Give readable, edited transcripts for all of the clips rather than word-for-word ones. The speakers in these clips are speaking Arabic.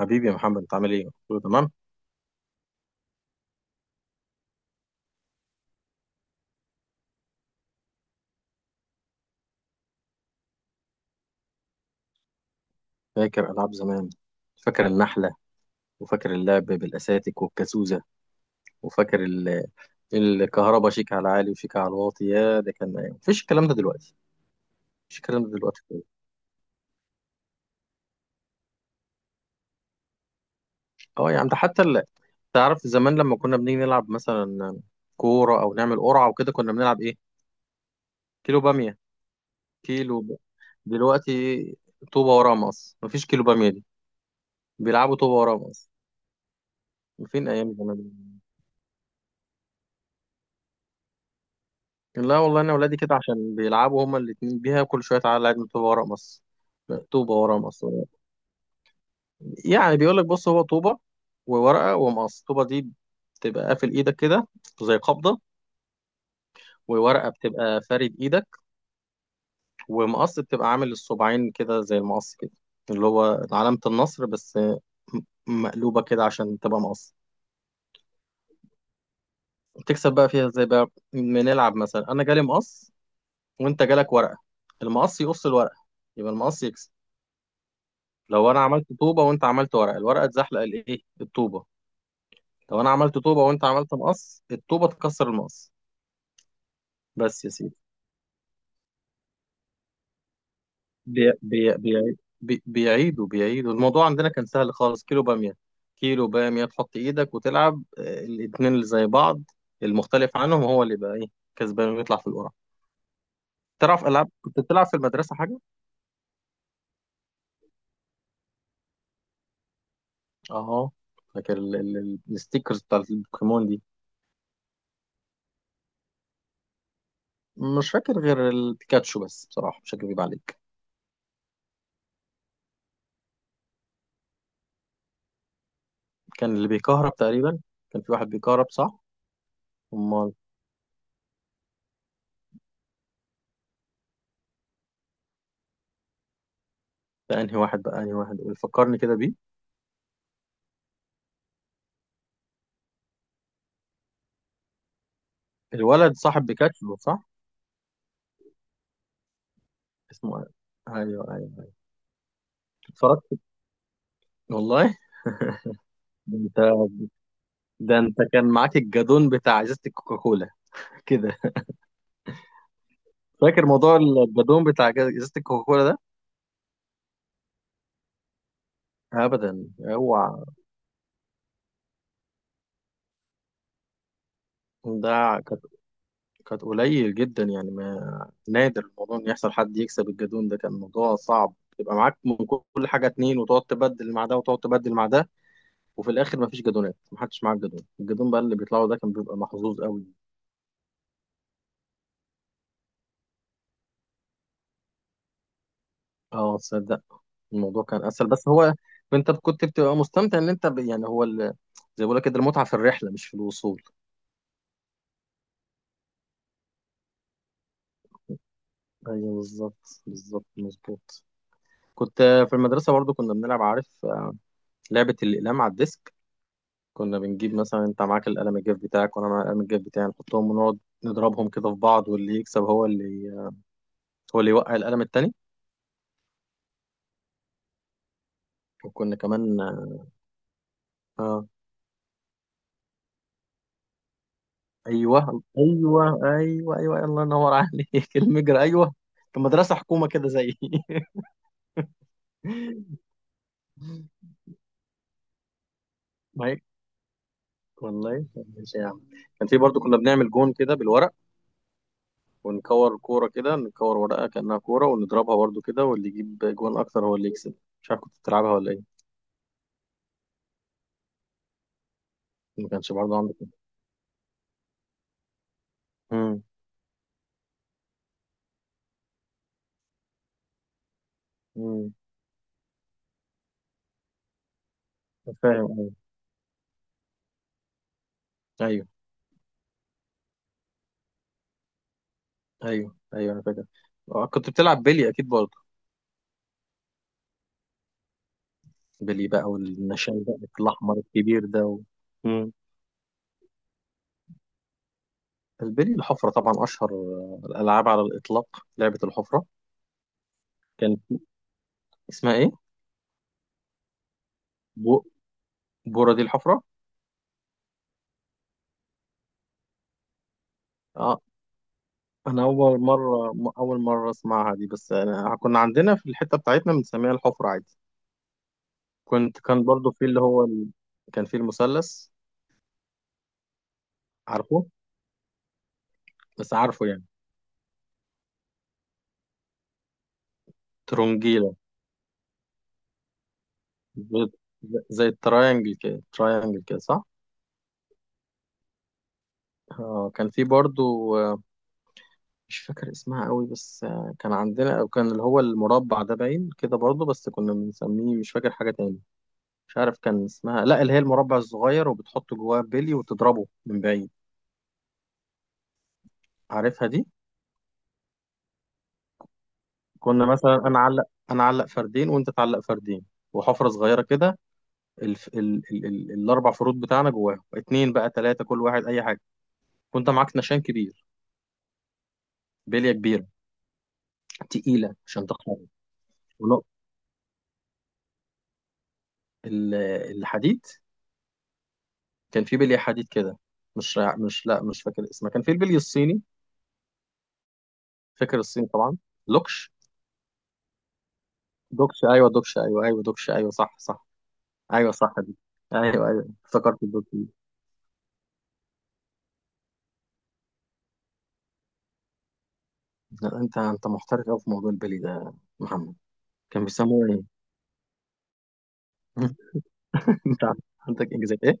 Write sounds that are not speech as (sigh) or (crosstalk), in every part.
حبيبي يا محمد، انت عامل ايه؟ كله تمام؟ فاكر العاب زمان. فاكر النحله، وفاكر اللعب بالاساتك والكازوزه، وفاكر ال- الكهرباء شيك على العالي وشيك على الواطي. يا ده كان ايام، مفيش الكلام ده دلوقتي. مفيش الكلام ده دلوقتي خالص. اه يا عم، تعرف زمان لما كنا بنيجي نلعب مثلا كوره او نعمل قرعه وكده، كنا بنلعب ايه؟ كيلو باميه. كيلو ب... دلوقتي طوبه وراه مقص، مفيش كيلو باميه دي. بيلعبوا طوبه وراه مقص. فين ايام زمان! لا والله انا ولادي كده، عشان بيلعبوا هما الاتنين بيها. كل شويه تعالى العب طوبه ورق مص. طوبه ورق مص يعني بيقول لك بص، هو طوبه وورقه ومقص. الطوبه دي بتبقى قافل ايدك كده، زي قبضه. وورقه بتبقى فارد ايدك. ومقص بتبقى عامل الصباعين كده زي المقص كده، اللي هو علامه النصر، مقلوبه كده عشان تبقى مقص. تكسب بقى فيها ازاي بقى؟ بنلعب مثلا انا جالي مقص، وانت جالك ورقه. المقص يقص الورقه، يبقى المقص يكسب. لو انا عملت طوبه وانت عملت ورق، الورقه اتزحلق الايه الطوبه. لو انا عملت طوبه وانت عملت مقص، الطوبه تكسر المقص. بس يا سيدي. بي بي بي بي بيعيدوا بيعيدوا الموضوع. عندنا كان سهل خالص، كيلو باميه. كيلو باميه تحط ايدك وتلعب، الاتنين اللي زي بعض، المختلف عنهم هو اللي يبقى ايه، كسبان، ويطلع في القرعه. تعرف العاب كنت بتلعب في المدرسه حاجه؟ اه، فاكر الستيكرز بتاع البوكيمون دي. مش فاكر غير البيكاتشو بس بصراحه، مش هكذب عليك. كان اللي بيكهرب تقريبا. كان في واحد بيكهرب، صح؟ امال. ده انهي واحد بقى؟ انهي واحد؟ قول فكرني كده بيه. الولد صاحب بيكاتشو، صح؟ اسمه ايه؟ ايوه ايوه ايوه. اتفرجت والله. ده انت، ده انت كان معاك الجدون بتاع ازازه الكوكاكولا (laughs) كده. فاكر موضوع الجدون بتاع ازازه الكوكاكولا ده؟ ابدا، اوعى. ده كانت قليل جدا يعني. ما نادر الموضوع ان يحصل حد يكسب. الجدون ده كان موضوع صعب. تبقى معاك من كل حاجه اتنين، وتقعد تبدل مع ده، وتقعد تبدل مع ده. وفي الاخر مفيش جدولات، محدش معاه الجدول. الجدول بقى اللي بيطلعوا ده كان بيبقى محظوظ قوي. اه تصدق، الموضوع كان اسهل، بس هو انت كنت بتبقى مستمتع ان يعني زي ما بقول لك كده، المتعه في الرحله مش في الوصول. ايوه بالظبط بالظبط، مظبوط. كنت في المدرسه برضو كنا بنلعب، عارف؟ لعبه الاقلام على الديسك. كنا بنجيب مثلا انت معاك القلم الجاف بتاعك، وانا معايا القلم الجاف بتاعي، نحطهم ونقعد نضربهم كده في بعض، واللي يكسب هو اللي هو اللي يوقع القلم التاني. وكنا كمان آه، ايوه ايوه ايوه ايوه، الله ينور عليك (laughs) المجرى، ايوه. كان مدرسه حكومه كده زي (laughs) ما هي والله. ماشي يا عم. كان في برضو كنا بنعمل جون كده بالورق، ونكور كوره كده، نكور ورقه كانها كوره، ونضربها برضو كده، واللي يجيب جون اكتر هو اللي يكسب. مش عارف كنت بتلعبها ولا ايه. ما كانش برضو عندك. امم. امم. فاهم، ايوه. ايوه ايوه أيوه، انا فاكر. كنت بتلعب بيلي اكيد برضو. بيلي بقى والنشان بقى الاحمر الكبير ده البلي الحفرة طبعا أشهر الألعاب على الإطلاق، لعبة الحفرة. كانت اسمها إيه؟ بو... بورة دي الحفرة؟ آه. أنا أول مرة أول مرة أسمعها دي، بس أنا كنا عندنا في الحتة بتاعتنا بنسميها الحفرة عادي. كان برضو في كان في المثلث، عارفه؟ بس عارفه يعني. ترونجيلة. زي زي التراينجل كده، تراينجل كده، صح؟ آه كان في برضو مش فاكر اسمها قوي، بس كان عندنا او كان اللي هو المربع ده باين كده برضه، بس كنا بنسميه مش فاكر حاجة تاني. مش عارف كان اسمها، لا اللي هي المربع الصغير وبتحط جواه بلي وتضربه من بعيد. عارفها دي؟ كنا مثلا انا اعلق انا اعلق فردين، وانت تعلق فردين، وحفرة صغيرة كده. الف... ال... ال... ال... الاربع فروت بتاعنا جواهم اتنين بقى تلاتة، كل واحد اي حاجة. وانت معاك نشان كبير، بلية كبيرة تقيلة عشان تخرج. ونق- ال- الحديد. كان في بلي حديد كده. مش فاكر اسمها. كان في البلي الصيني. فاكر الصيني طبعا. لوكش. دوكش ايوه، دوكش، ايوه ايوه دوكش، ايوه صح صح. ايوه صح دي. ايوه ايوه افتكرت الدوكش دي. لا، انت محترف قوي في موضوع البلي ده يا محمد. كان بيسموه ايه؟ (laughs) انت عندك انجازات ايه؟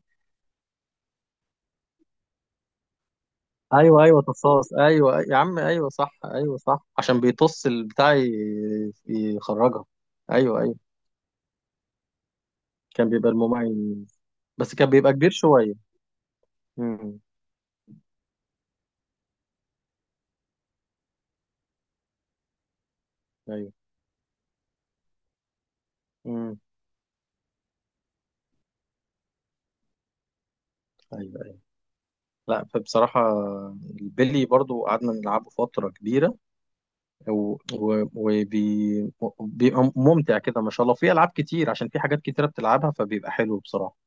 ايوه ايوه، تصاص، ايوه. أيوة. يا عم ايوه صح، ايوه صح، عشان بيطص البتاع يخرجها. ايوه ايوه، كان بيبقى المميز، بس كان بيبقى كبير شويه. امم. ايوه. امم. ايوه أيوة. لا فبصراحة، البلي برضو قعدنا نلعبه فترة كبيرة، و- و- وبي- وبيبقى ممتع كده ما شاء الله. في ألعاب كتير، عشان في حاجات كتيرة بتلعبها، فبيبقى حلو بصراحة.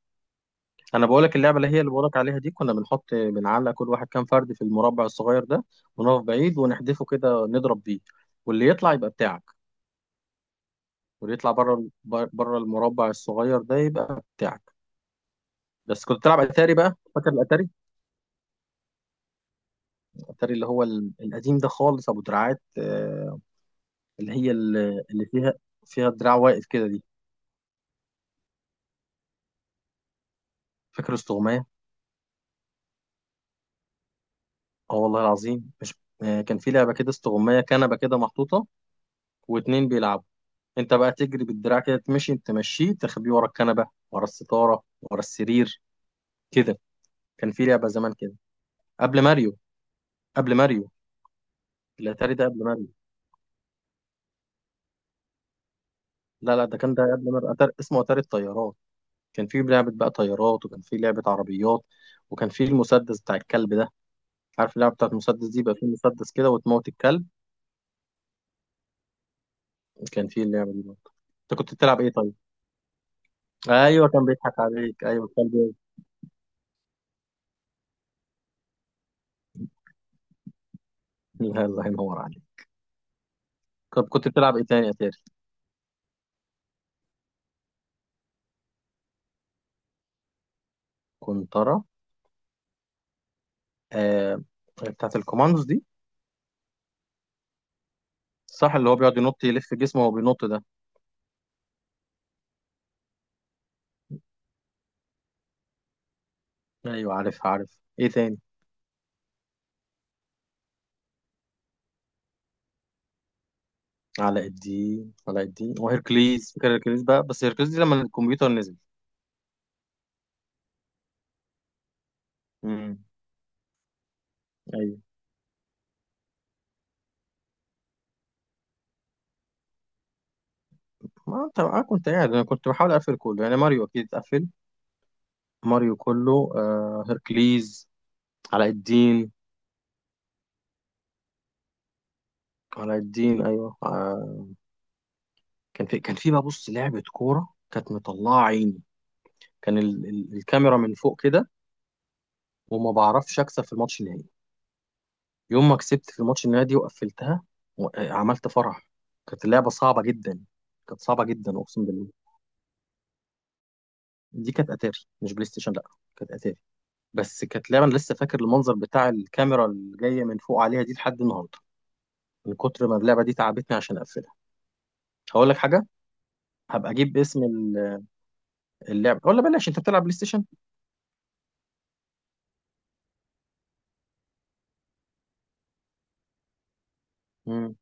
أنا بقولك اللعبة اللي هي اللي بقولك عليها دي، كنا بنحط بنعلق كل واحد كام فرد في المربع الصغير ده، ونقف بعيد ونحدفه كده نضرب بيه، واللي يطلع يبقى بتاعك. واللي يطلع بره بره المربع الصغير ده يبقى بتاعك. بس كنت بتلعب أتاري بقى؟ فاكر الأتاري؟ الأتاري اللي هو القديم ده خالص، أبو دراعات. اللي هي ال- اللي فيها دراع واقف كده دي. فاكر استغماية. اه والله العظيم، مش آه، كان في لعبة كده استغماية، كنبة كده محطوطة، واتنين بيلعبوا. انت بقى تجري بالدراع كده تمشي تمشيه، تخبيه ورا الكنبة، ورا الستارة، ورا السرير كده. كان في لعبة زمان كده قبل ماريو. قبل ماريو. الاتاري ده قبل ماريو. لا لا، ده كان ده قبل ماريو. أتاري اسمه اتاري الطيارات. كان في لعبة بقى طيارات، وكان في لعبة عربيات، وكان في المسدس بتاع الكلب ده. عارف اللعبة بتاعت المسدس دي؟ بقى في مسدس كده وتموت الكلب. كان في اللعبة دي. انت كنت بتلعب ايه طيب؟ ايوه كان بيضحك عليك، ايوه كان بيضحك. الله ينور عليك. طب كنت بتلعب ايه تاني يا تاري؟ كنت ترى. آه، بتاعت الكوماندوز دي، صح؟ اللي هو بيقعد ينط يلف جسمه وهو بينط ده. ايوه، عارف، عارف. ايه تاني؟ علاء الدين. علاء الدين وهيركليز. فاكر هيركليز بقى، بس هيركليز دي لما الكمبيوتر نزل. امم. ايوه. ما انت انا كنت قاعد، انا كنت بحاول اقفل كله يعني. ماريو اكيد اتقفل. ماريو كله، آه، هيركليز، علاء الدين. علاء الدين ايوه آه. كان في بقى، بص، لعبة كورة كانت مطلعة عيني. كان الكاميرا من فوق كده، وما بعرفش أكسب في الماتش النهائي. يوم ما كسبت في الماتش النهائي دي وقفلتها، و... آه، عملت فرح. كانت اللعبة صعبة جدا. كانت صعبة جدا، أقسم بالله. دي كانت أتاري، مش بلاي ستيشن، لأ. كانت أتاري. بس كانت لعبة أنا لسه فاكر المنظر بتاع الكاميرا اللي جاية من فوق عليها دي لحد النهاردة. من كتر ما اللعبة دي تعبتني عشان أقفلها. هقول لك حاجة. هبقى أجيب اسم اللعبة، ولا بلاش. أنت بتلعب بلاي ستيشن؟ مم.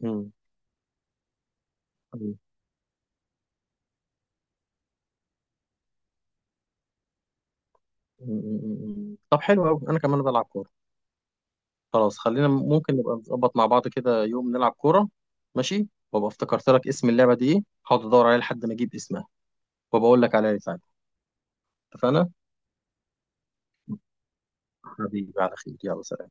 مم. طب حلو قوي، انا كمان بلعب كوره. خلاص، خلينا ممكن نبقى نظبط مع بعض كده يوم نلعب كوره. ماشي. وابقى افتكرت لك اسم اللعبه دي ايه، هقعد ادور عليها لحد ما اجيب اسمها وبقول لك عليها ساعتها. اتفقنا. حبيبي على خير، يلا سلام.